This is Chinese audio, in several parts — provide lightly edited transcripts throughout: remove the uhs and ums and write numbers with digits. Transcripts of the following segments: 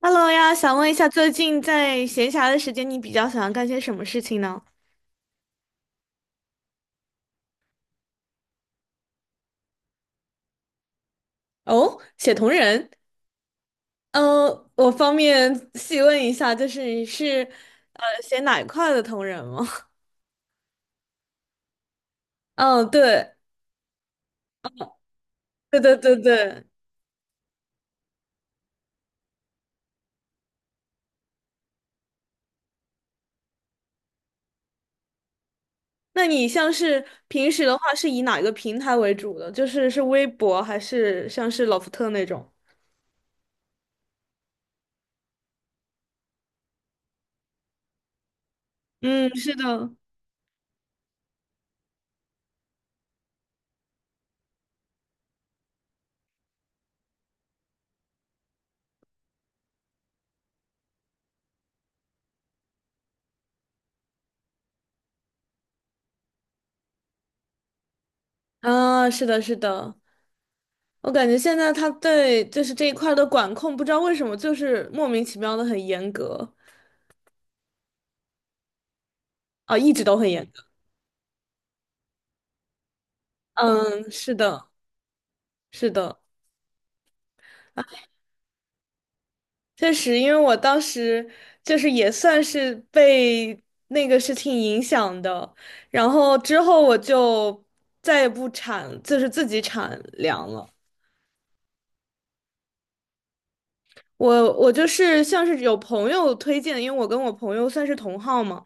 Hello 呀，想问一下，最近在闲暇的时间，你比较想要干些什么事情呢？哦，写同人，嗯，我方便细问一下，就是你是写哪一块的同人吗？嗯，对，对对对对。那你像是平时的话，是以哪一个平台为主的？就是微博还是像是老福特那种？嗯，是的。啊，是的，是的，我感觉现在他对就是这一块儿的管控，不知道为什么就是莫名其妙的很严格。啊，一直都很严格。嗯，是的，是的，确实，因为我当时就是也算是被那个事情影响的，然后之后我就再也不产，就是自己产粮了。我就是像是有朋友推荐，因为我跟我朋友算是同号嘛，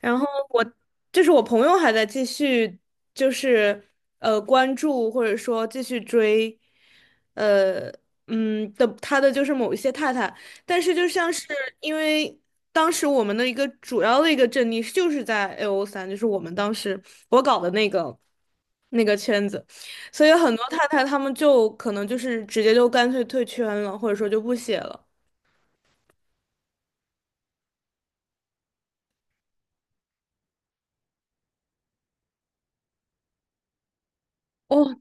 然后我就是我朋友还在继续，就是关注或者说继续追，呃的他的就是某一些太太，但是就像是因为当时我们的一个主要的一个阵地就是在 AO 三，就是我们当时我搞的那个圈子，所以很多太太他们就可能就是直接就干脆退圈了，或者说就不写了。哦，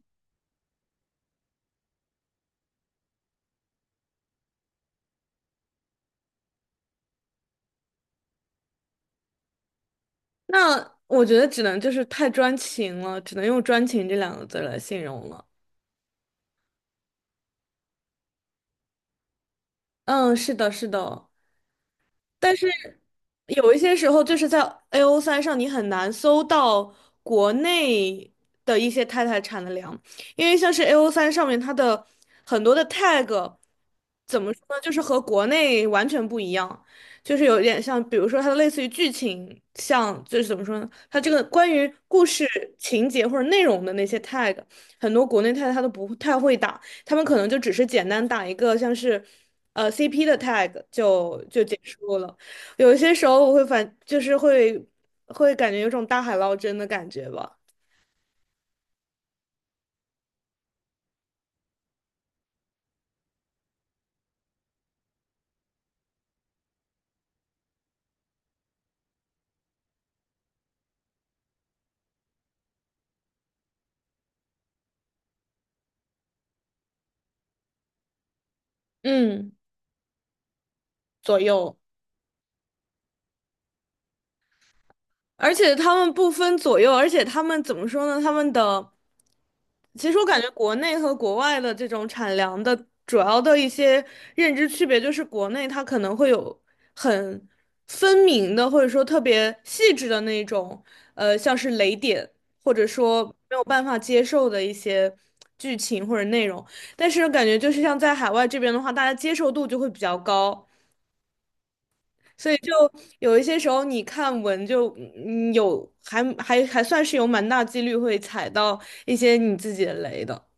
那我觉得只能就是太专情了，只能用专情这两个字来形容了。嗯，是的，是的，但是有一些时候，就是在 AO 三上，你很难搜到国内的一些太太产的粮，因为像是 AO 三上面它的很多的 tag，怎么说呢，就是和国内完全不一样，就是有点像，比如说它的类似于剧情，像就是怎么说呢，它这个关于故事情节或者内容的那些 tag，很多国内太太她都不太会打，他们可能就只是简单打一个像是，CP 的 tag 就结束了。有些时候我会反，就是会感觉有种大海捞针的感觉吧，嗯，左右。而且他们不分左右，而且他们怎么说呢？他们的，其实我感觉国内和国外的这种产粮的主要的一些认知区别，就是国内它可能会有很分明的，或者说特别细致的那种，像是雷点，或者说没有办法接受的一些剧情或者内容。但是感觉就是像在海外这边的话，大家接受度就会比较高。所以就有一些时候你看文就有还算是有蛮大几率会踩到一些你自己的雷的。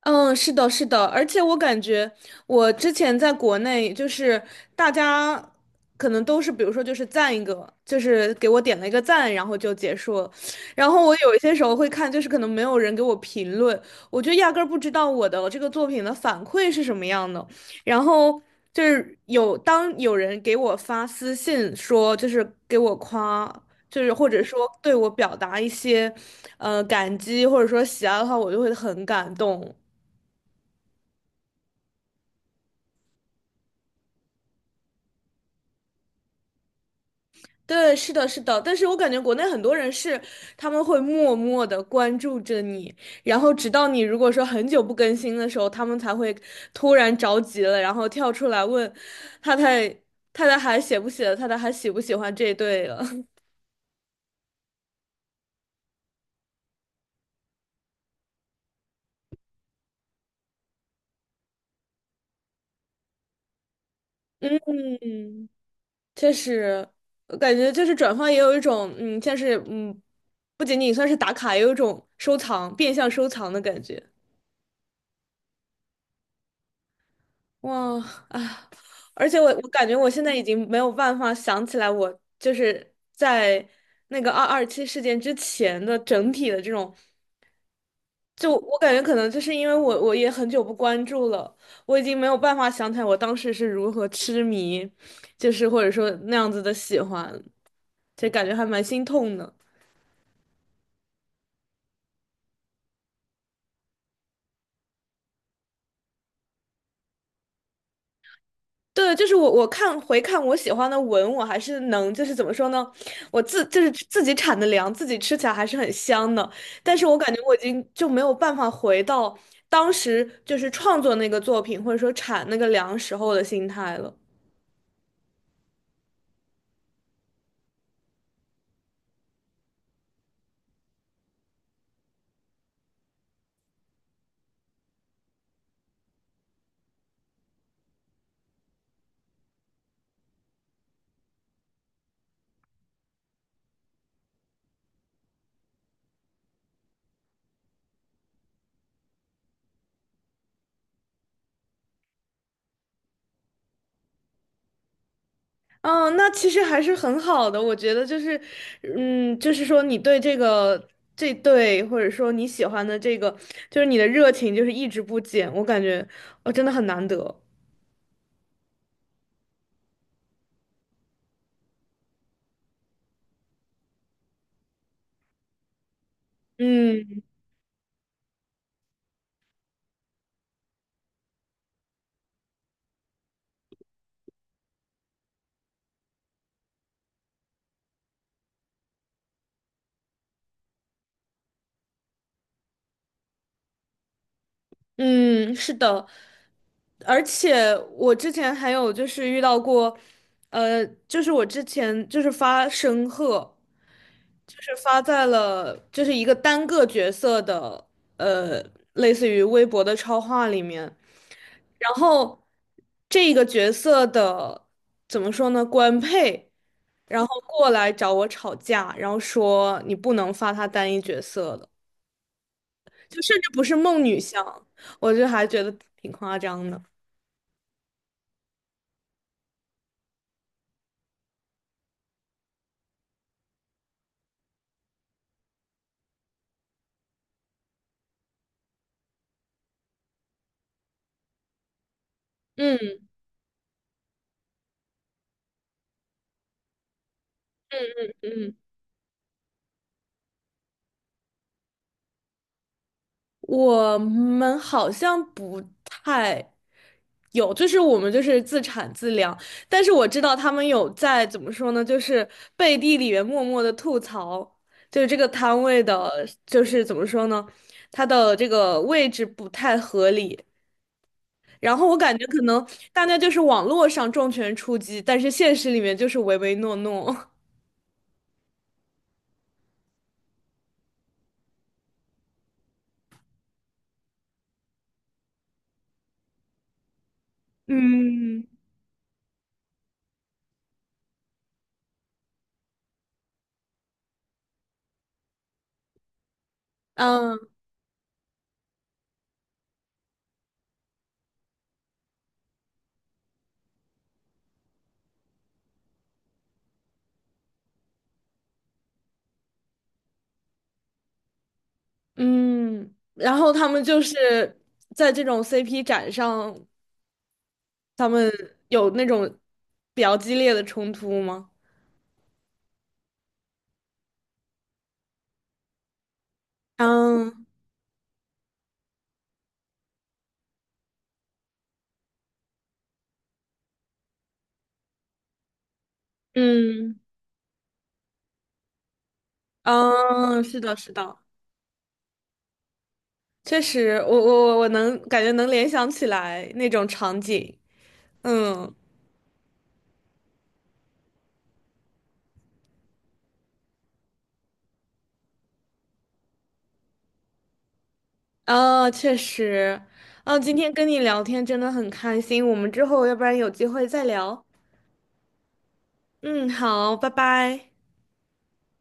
嗯，是的，是的，而且我感觉我之前在国内，就是大家可能都是，比如说就是赞一个，就是给我点了一个赞，然后就结束了。然后我有一些时候会看，就是可能没有人给我评论，我就压根儿不知道我的这个作品的反馈是什么样的。然后就是有当有人给我发私信说，就是给我夸，就是或者说对我表达一些感激或者说喜爱的话，我就会很感动。对，是的，是的，但是我感觉国内很多人是他们会默默的关注着你，然后直到你如果说很久不更新的时候，他们才会突然着急了，然后跳出来问太太太太还写不写了，太太还喜不喜欢这一对了。嗯，确实，我感觉就是转发也有一种像是不仅仅算是打卡，也有一种收藏，变相收藏的感觉。哇啊！而且我感觉我现在已经没有办法想起来，我就是在那个二二七事件之前的整体的这种，就我感觉可能就是因为我也很久不关注了，我已经没有办法想起来我当时是如何痴迷，就是或者说那样子的喜欢，就感觉还蛮心痛的。对，就是我看回看我喜欢的文，我还是能，就是怎么说呢，我就是自己产的粮，自己吃起来还是很香的。但是我感觉我已经就没有办法回到当时就是创作那个作品，或者说产那个粮时候的心态了。嗯，那其实还是很好的，我觉得就是，就是说你对这对，或者说你喜欢的这个，就是你的热情就是一直不减，我感觉我真的很难得。嗯。嗯，是的，而且我之前还有就是遇到过，就是我之前就是发申鹤，就是发在了就是一个单个角色的，呃，类似于微博的超话里面，然后这个角色的怎么说呢，官配，然后过来找我吵架，然后说你不能发他单一角色的。就甚至不是梦女像，我就还觉得挺夸张的。嗯嗯，我们好像不太有，就是我们就是自产自量，但是我知道他们有在怎么说呢，就是背地里面默默的吐槽，就是这个摊位的，就是怎么说呢，它的这个位置不太合理。然后我感觉可能大家就是网络上重拳出击，但是现实里面就是唯唯诺诺。嗯。嗯，嗯，然后他们就是在这种 CP 展上，他们有那种比较激烈的冲突吗？嗯嗯嗯，是的，是的，确实，我能感觉能联想起来那种场景。嗯啊，确实，啊，今天跟你聊天真的很开心，我们之后要不然有机会再聊。嗯，好，拜拜。